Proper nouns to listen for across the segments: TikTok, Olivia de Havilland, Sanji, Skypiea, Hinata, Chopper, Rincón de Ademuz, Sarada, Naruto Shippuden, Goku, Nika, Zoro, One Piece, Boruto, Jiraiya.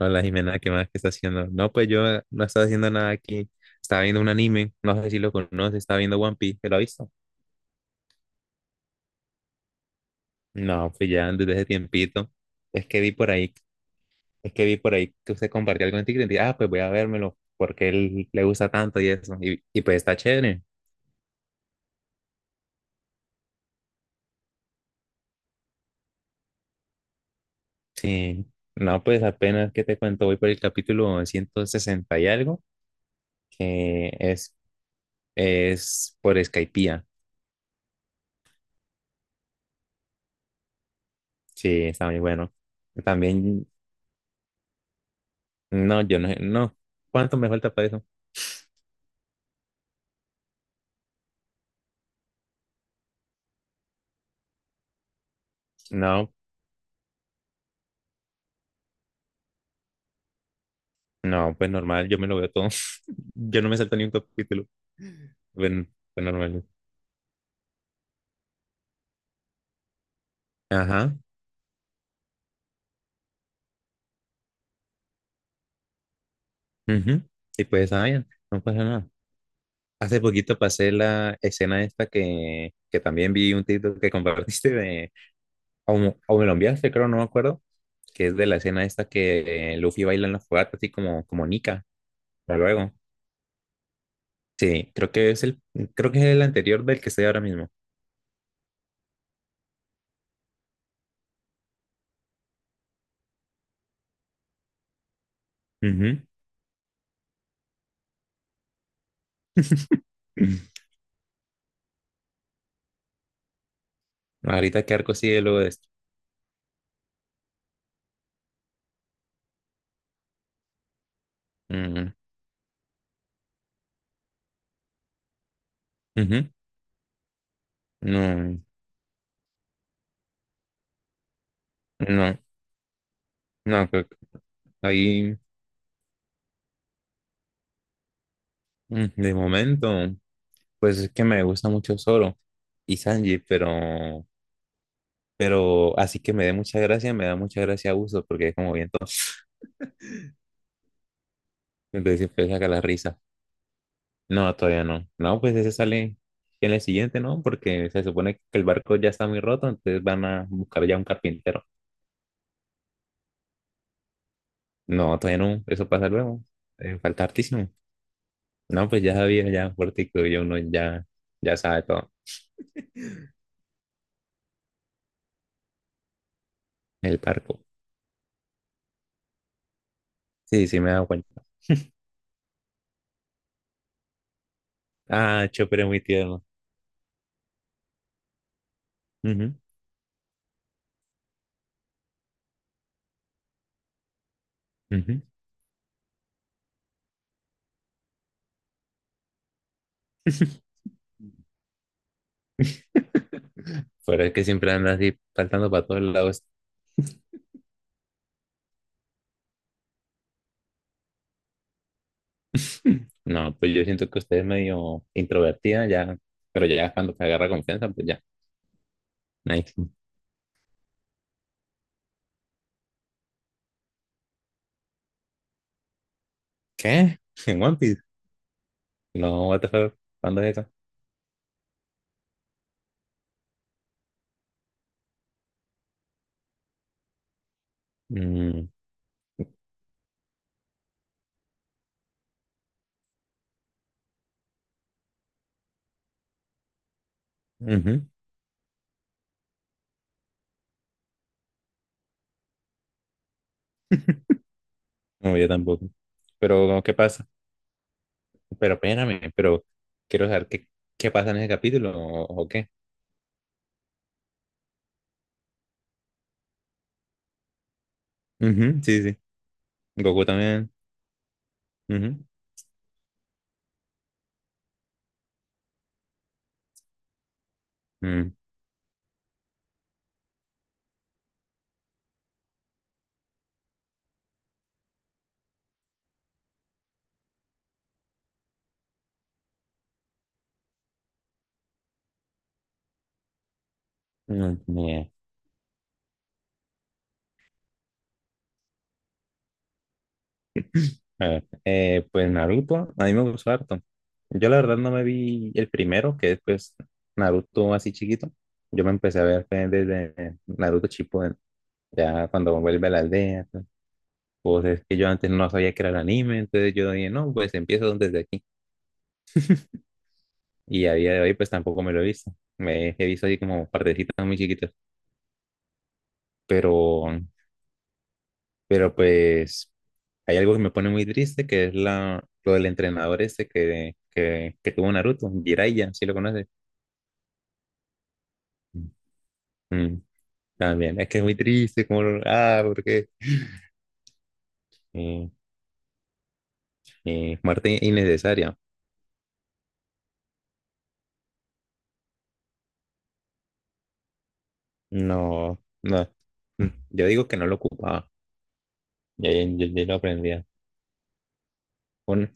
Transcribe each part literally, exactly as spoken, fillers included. Hola Jimena, ¿qué más? Que estás haciendo? No, pues yo no estaba haciendo nada aquí. Estaba viendo un anime, no sé si lo conoces, estaba viendo One Piece, ¿te lo has visto? No, pues ya desde ese tiempito. Es que vi por ahí, es que vi por ahí que usted compartió algo en TikTok y dije, ah, pues voy a vérmelo, porque él le gusta tanto y eso. Y, y pues está chévere. Sí. No, pues apenas que te cuento, voy por el capítulo ciento sesenta y algo, que es, es por Skypiea. Sí, está muy bueno. También, no, yo no, no. ¿Cuánto me falta para eso? No, no, pues normal, yo me lo veo todo. Yo no me salto ni un capítulo. Bueno, pues normal. Ajá. Ujú. Y pues, ah, ya, no pasa nada. Hace poquito pasé la escena esta que, que también vi un título que compartiste de, o, me o me lo enviaste, creo, no me acuerdo, que es de la escena esta que eh, Luffy baila en la fogata, así como, como Nika, pero luego. Sí, creo que es el, creo que es el anterior del que estoy ahora mismo. Ujú. ¿Ahorita qué arco sigue luego de esto? Ujú. No, no, no, creo que ahí mm, de momento, pues es que me gusta mucho Zoro y Sanji, pero, pero así que me dé mucha gracia, me da mucha gracia uso porque es como bien entonces entonces siempre saca la risa. No, todavía no. No, pues ese sale en el siguiente, ¿no? Porque se supone que el barco ya está muy roto, entonces van a buscar ya un carpintero. No, todavía no, eso pasa luego. Eh, falta hartísimo. No, pues ya sabía, ya fuerte, ya uno ya, ya sabe todo el barco. Sí, sí, me he dado cuenta. Ah, Chopper es muy tierno. Ujú, ujú. Pero es que siempre andas así saltando para todos lados. No, pues yo siento que usted es medio introvertida ya, pero ya cuando te agarra confianza, pues ya. Nice. ¿Qué? ¿En One Piece? No, what the fuck, ¿cuándo es eso? Mm, ujú. No, yo tampoco. Pero, ¿qué pasa? Pero espérame, pero quiero saber qué, qué pasa en ese capítulo o, o qué. Ujú, sí, sí. Sí. Goku también. Ujú. Mm, mm, yeah. A ver, eh, pues Naruto, a mí me gustó harto. Yo la verdad no me vi el primero, que es pues Naruto así chiquito. Yo me empecé a ver fue desde Naruto Shippuden, ¿no? Ya cuando vuelve a la aldea. Pues pues, es que yo antes no sabía que era el anime, entonces yo dije, no, pues empiezo desde aquí. Y a día de hoy pues tampoco me lo he visto. Me he visto así como partecitas muy chiquitas. Pero, pero pues hay algo que me pone muy triste, que es la, lo del entrenador este que, que, que tuvo Naruto, Jiraiya, si lo conoces. Mm, también, es que es muy triste, como, lo- ah, porque Eh, eh, muerte innecesaria. No, no. Mm, Yo digo que no lo ocupaba. Ya, ya, ya- ya lo aprendía. Bueno,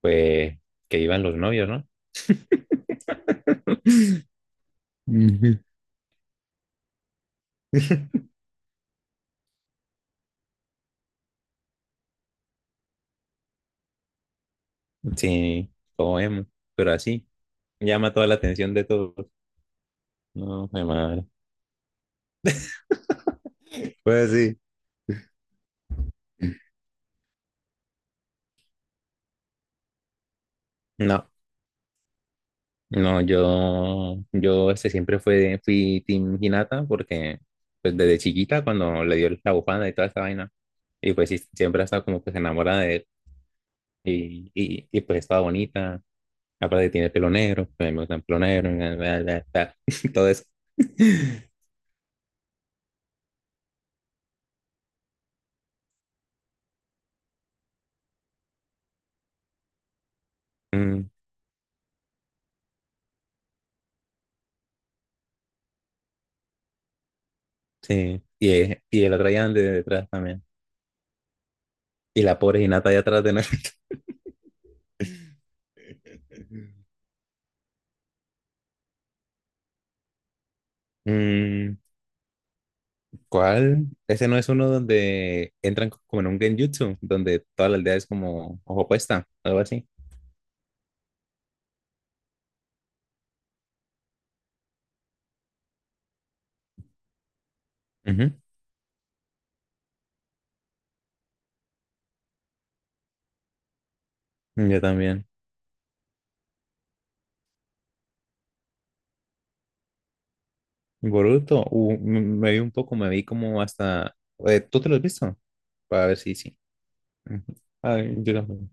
pues que iban los novios, ¿no? Ujú. Sí, como emo, pero así llama toda la atención de todos. No, mi madre. Pues sí. No. No, yo, yo, este, siempre fue, fui Team Hinata porque pues desde chiquita cuando le dio la bufanda y toda esta vaina, y pues sí, siempre ha estado como que se enamora de él y, y, y pues estaba bonita, aparte tiene pelo negro, pues me gusta el pelo negro, bla, bla, bla, bla, todo eso. Mm, sí, y, eh, y el otro allá de detrás también, y la pobre Hinata allá atrás de nosotros. ¿Cuál? Ese no es uno donde entran co- como en un genjutsu, donde toda la aldea es como ojo puesta, algo así. Ujú. Yo también. Boruto, uh, m- me vi un poco, me vi como hasta... eh, ¿Tú te lo has visto? Para ver si sí. Ujú. Ay, yo, también.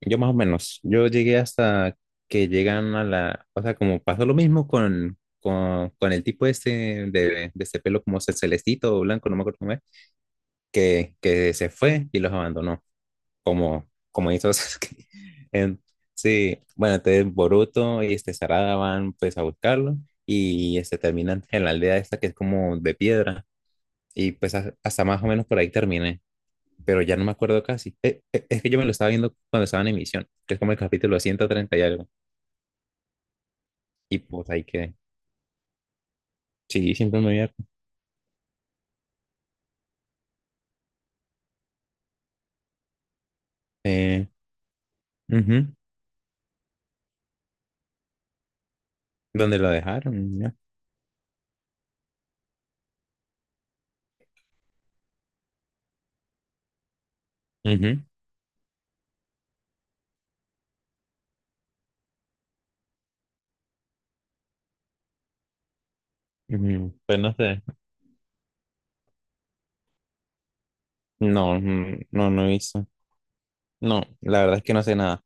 Yo más o menos. Yo llegué hasta que llegan a la... O sea, como pasó lo mismo con, con, con, el tipo este de, de este pelo como ce- celestito o blanco, no me acuerdo cómo es, que, que se fue y los abandonó. como, como estos que- en- sí, bueno, entonces Boruto y este Sarada van pues a buscarlo y este terminan en la aldea esta que es como de piedra y pues ha- hasta más o menos por ahí terminé, pero ya no me acuerdo casi. Eh, eh, es que yo me lo estaba viendo cuando estaba en emisión, que es como el capítulo ciento treinta y algo, y pues ahí quedé. Sí, siempre me voy. Eh, ujú, ¿Dónde lo dejaron? Ya. Ujú, ujú, pues no sé. No, mm, no, no hizo. No, la verdad es que no sé nada.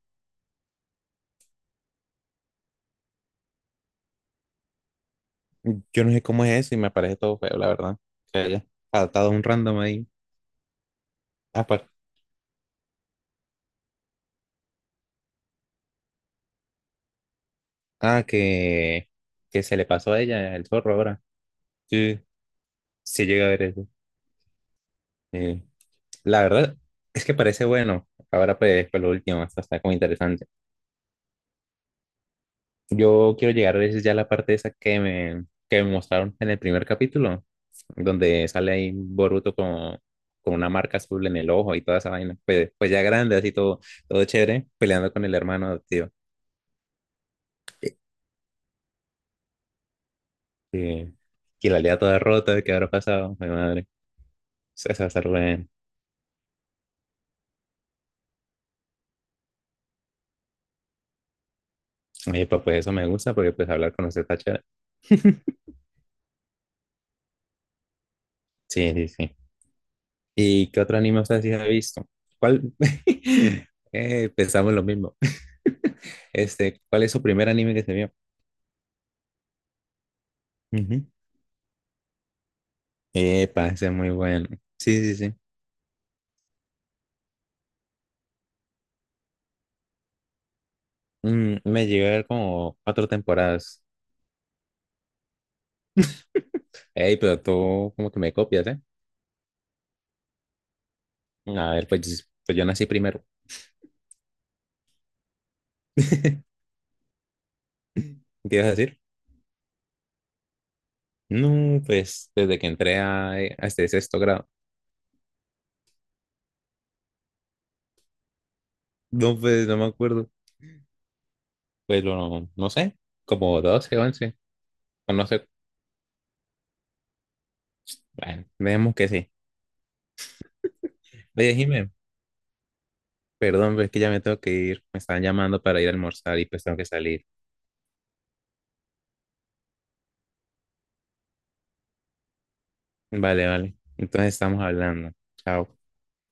Yo no sé cómo es eso y me parece todo feo, la verdad. Que haya adaptado a un random ahí. Ah, par- ah, que, que se le pasó a ella el zorro ahora. Sí, sí llega a ver eso. Eh, la verdad es que parece bueno. Ahora pues fue lo último, hasta está como interesante. Yo quiero llegar a veces ya a la parte esa que me, que me mostraron en el primer capítulo, donde sale ahí Boruto con, con una marca azul en el ojo y toda esa vaina. Pues, pues ya grande, así todo, todo chévere, peleando con el hermano tío. Sí. Y la lea toda rota, ¿qué habrá pasado? Mi madre. Eso va a estar bueno. Oye, pues, pues, eso me gusta porque pues hablar con usted está chévere. Sí, sí, sí. ¿Y qué otro anime usted sí ha visto? ¿Cuál? Eh, pensamos lo mismo. Este, ¿cuál es su primer anime que se vio? Ujú. Epa, ese es muy bueno. Sí, sí, sí. Mm, me llegué a ver como cuatro temporadas. Ey, pero tú como que me copias, ¿eh? A ver, pues, pues yo nací primero. ¿Qué ibas a decir? No, pues desde que entré a, eh, a este sexto grado. No, pues no me acuerdo. Pero no sé, como doce once o no sé. Bueno, veamos que sí. Oye, Jimé, perdón, pero es que ya me tengo que ir. Me están llamando para ir a almorzar y pues tengo que salir. Vale, vale. Entonces estamos hablando. Chao.